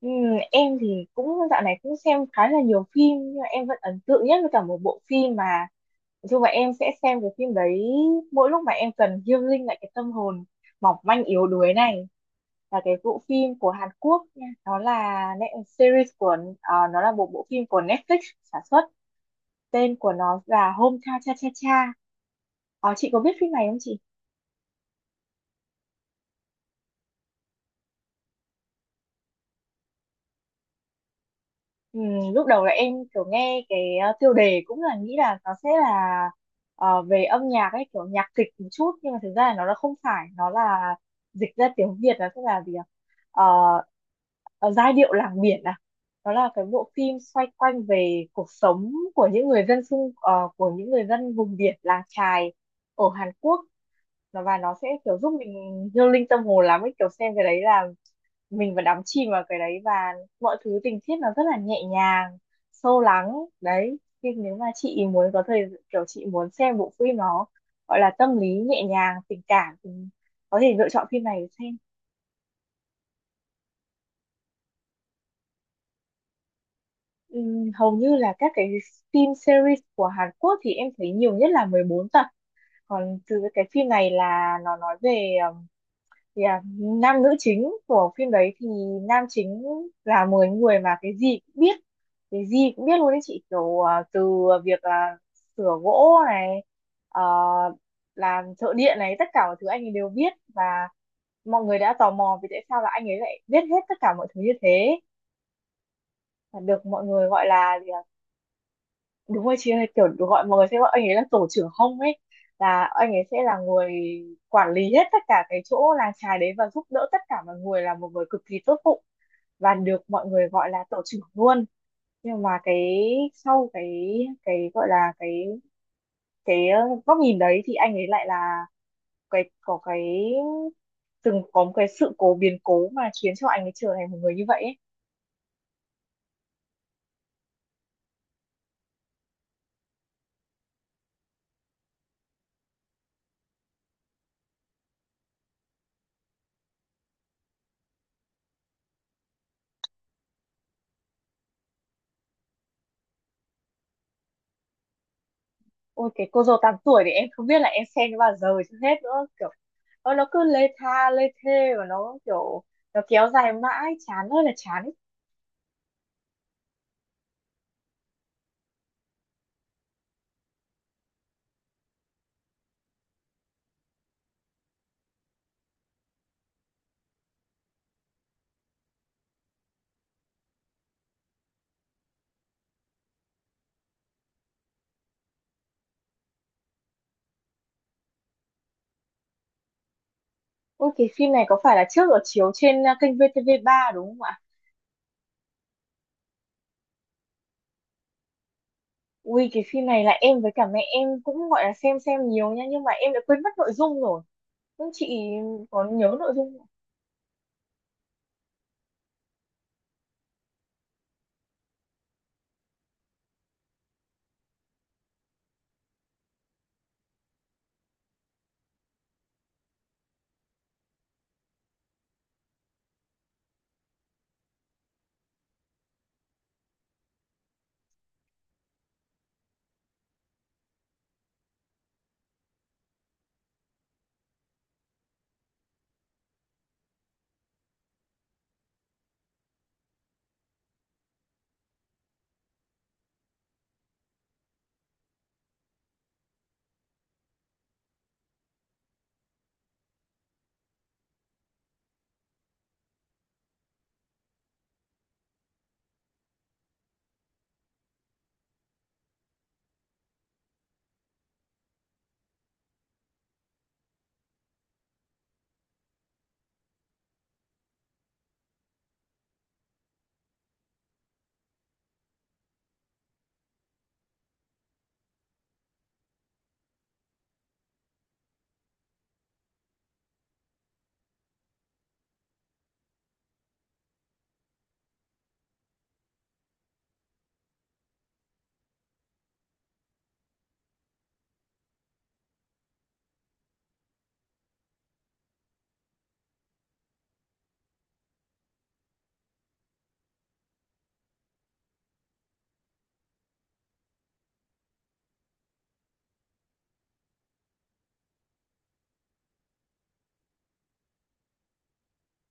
Ừ, em thì cũng dạo này cũng xem khá là nhiều phim nhưng mà em vẫn ấn tượng nhất với cả một bộ phim mà nói chung là em sẽ xem cái phim đấy mỗi lúc mà em cần healing linh lại cái tâm hồn mỏng manh yếu đuối này, là cái bộ phim của Hàn Quốc nha. Nó là một bộ phim của Netflix sản xuất. Tên của nó là Hometown Cha Cha Cha. Chị có biết phim này không chị? Ừ, lúc đầu là em kiểu nghe cái tiêu đề, cũng là nghĩ là nó sẽ là về âm nhạc ấy, kiểu nhạc kịch một chút, nhưng mà thực ra là nó là không phải nó là dịch ra tiếng Việt là sẽ là gì ạ, giai điệu làng biển à. Nó là cái bộ phim xoay quanh về cuộc sống của những người dân của những người dân vùng biển làng chài ở Hàn Quốc. Nó và nó sẽ kiểu giúp mình healing tâm hồn lắm ấy, kiểu xem cái đấy là mình vẫn đắm chìm vào cái đấy, và mọi thứ tình tiết nó rất là nhẹ nhàng, sâu lắng đấy. Nhưng nếu mà chị muốn có thời kiểu chị muốn xem bộ phim nó gọi là tâm lý nhẹ nhàng tình cảm thì có thể lựa chọn phim này để xem. Hầu như là các cái phim series của Hàn Quốc thì em thấy nhiều nhất là 14 tập. Còn từ cái phim này là nó nói về Yeah. Nam nữ chính của phim đấy thì nam chính là một người mà cái gì cũng biết, cái gì cũng biết luôn đấy chị, kiểu à, từ việc là sửa gỗ này, ờ, làm thợ điện này, tất cả mọi thứ anh ấy đều biết. Và mọi người đã tò mò vì tại sao là anh ấy lại biết hết tất cả mọi thứ như thế, và được mọi người gọi là gì ạ? Đúng rồi chị ơi, kiểu gọi, mọi người sẽ gọi anh ấy là tổ trưởng hông ấy, là anh ấy sẽ là người quản lý hết tất cả cái chỗ làng chài đấy và giúp đỡ tất cả mọi người, là một người cực kỳ tốt bụng và được mọi người gọi là tổ trưởng luôn. Nhưng mà cái sau cái gọi là cái góc nhìn đấy thì anh ấy lại là cái có cái từng có một cái sự cố biến cố mà khiến cho anh ấy trở thành một người như vậy ấy. Ôi, cái cô dâu tám tuổi thì em không biết là em xem nó bao giờ chứ hết nữa kiểu. Nó cứ lê tha lê thê và nó kiểu, nó kéo dài mãi, chán ơi là chán. Ui, cái phim này có phải là trước ở chiếu trên à, kênh VTV3 đúng không ạ? Ui, cái phim này là em với cả mẹ em cũng gọi là xem nhiều nha, nhưng mà em đã quên mất nội dung rồi. Nhưng chị có nhớ nội dung không?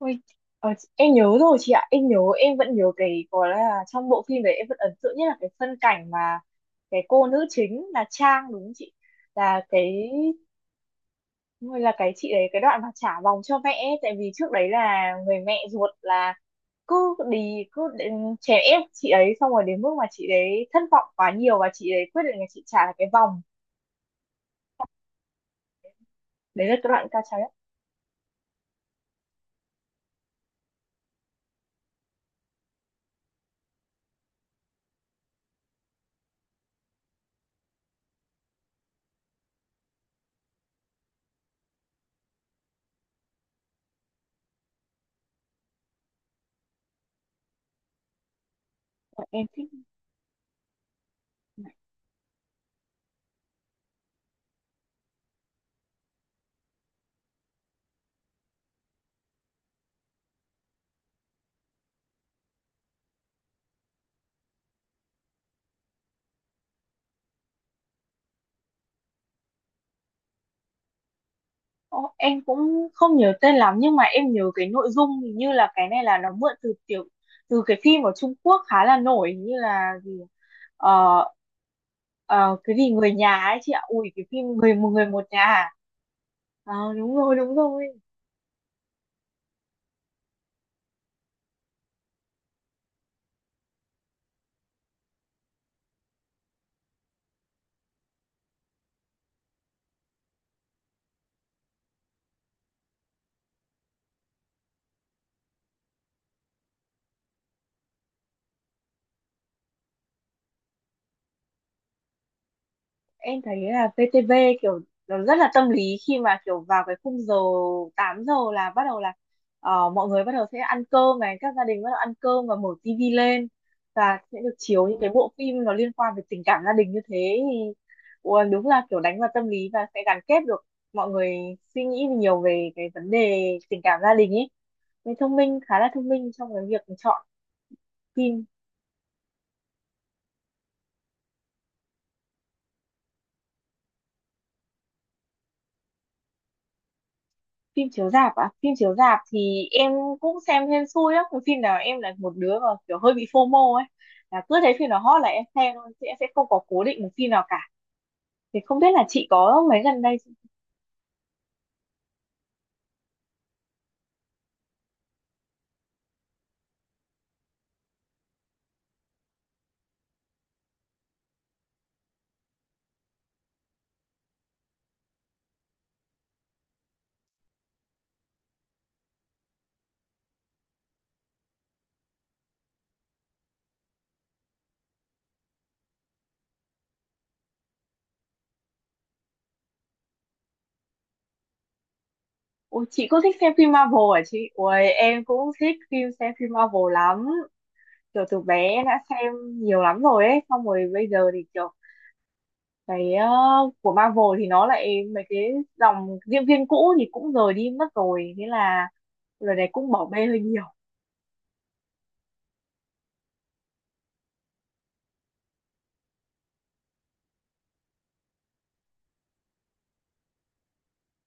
Ui, ờ, em nhớ rồi chị ạ. Em nhớ em vẫn nhớ cái gọi là trong bộ phim đấy em vẫn ấn tượng nhất là cái phân cảnh mà cái cô nữ chính là Trang đúng không chị? Là cái đúng rồi, là cái chị đấy, cái đoạn mà trả vòng cho mẹ ấy. Tại vì trước đấy là người mẹ ruột là cứ đi cứ đến chèn ép chị ấy, xong rồi đến mức mà chị đấy thất vọng quá nhiều và chị đấy quyết định là chị trả lại cái vòng. Đấy là cái đoạn ca trái mà em thích. Ồ, em cũng không nhớ tên lắm nhưng mà em nhớ cái nội dung, hình như là cái này là nó mượn từ từ cái phim ở Trung Quốc khá là nổi, như là gì, ờ, ờ, cái gì, người nhà ấy chị ạ. Ui, cái phim người một nhà à? Ờ, đúng rồi đúng rồi. Em thấy là VTV kiểu nó rất là tâm lý khi mà kiểu vào cái khung giờ 8 giờ là bắt đầu là, mọi người bắt đầu sẽ ăn cơm này, các gia đình bắt đầu ăn cơm và mở tivi lên, và sẽ được chiếu những cái bộ phim nó liên quan về tình cảm gia đình như thế. Thì ủa, đúng là kiểu đánh vào tâm lý và sẽ gắn kết được mọi người, suy nghĩ nhiều về cái vấn đề tình cảm gia đình ấy. Mình thông minh, khá là thông minh trong cái việc chọn phim. Phim chiếu rạp à? Phim chiếu rạp thì em cũng xem hên xui á. Cái phim nào, em là một đứa mà kiểu hơi bị FOMO ấy, là cứ thấy phim nào hot là em xem thôi, chứ em sẽ không có cố định một phim nào cả. Thì không biết là chị có mấy gần đây. Ôi, chị cũng thích xem phim Marvel hả chị? Ôi, em cũng thích xem phim Marvel lắm. Kiểu từ bé em đã xem nhiều lắm rồi ấy, xong rồi bây giờ thì kiểu cái, của Marvel thì nó lại, mấy cái dòng diễn viên cũ thì cũng rời đi mất rồi, thế là rồi này cũng bỏ bê hơi nhiều.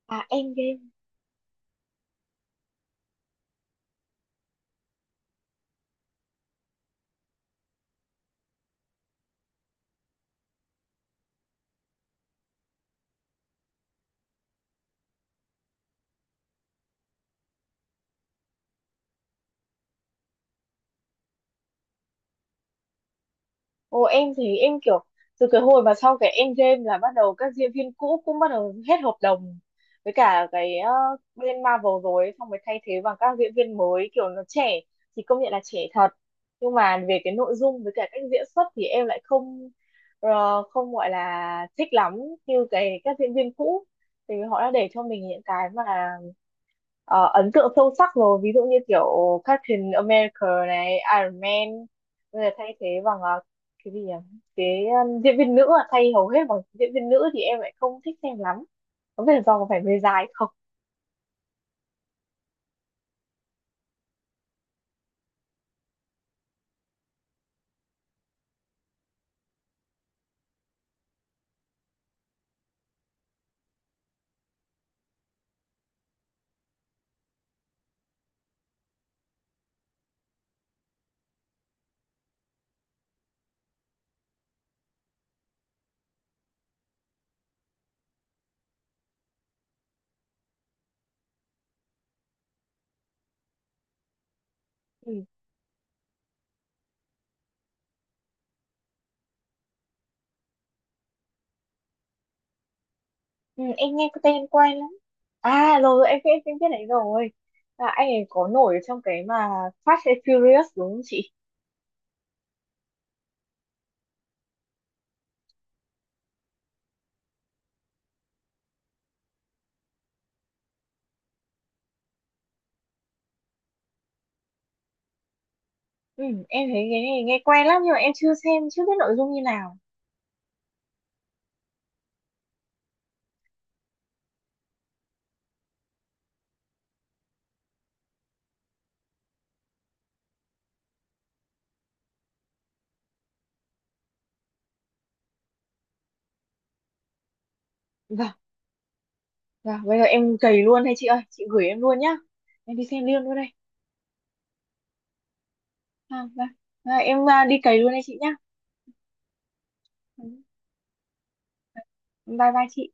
À, Endgame. Ồ, em thì em kiểu từ cái hồi mà sau cái Endgame là bắt đầu các diễn viên cũ cũng bắt đầu hết hợp đồng với cả cái, bên Marvel rồi ấy, xong mới thay thế bằng các diễn viên mới kiểu nó trẻ, thì công nhận là trẻ thật, nhưng mà về cái nội dung với cả cách diễn xuất thì em lại không, không gọi là thích lắm như cái các diễn viên cũ. Thì họ đã để cho mình những cái mà, ấn tượng sâu sắc rồi, ví dụ như kiểu Captain America này, Iron Man. Bây giờ thay thế bằng, cái gì nhỉ, cái diễn viên nữ à, thay hầu hết bằng diễn viên nữ thì em lại không thích xem lắm. Có vẻ do có phải người dài không. Ừ. Ừ, em nghe cái tên quen lắm. À rồi rồi, em biết đấy rồi. À, anh ấy có nổi ở trong cái mà Fast and Furious đúng không chị? Ừ, em thấy cái này nghe quen lắm nhưng mà em chưa xem, chưa biết nội dung như nào. Vâng. Dạ, bây giờ em cày luôn hay chị ơi, chị gửi em luôn nhá. Em đi xem luôn luôn đây. À, dạ. Dạ, em à, đi cày luôn đây chị nhá. Ừ, bye bye chị.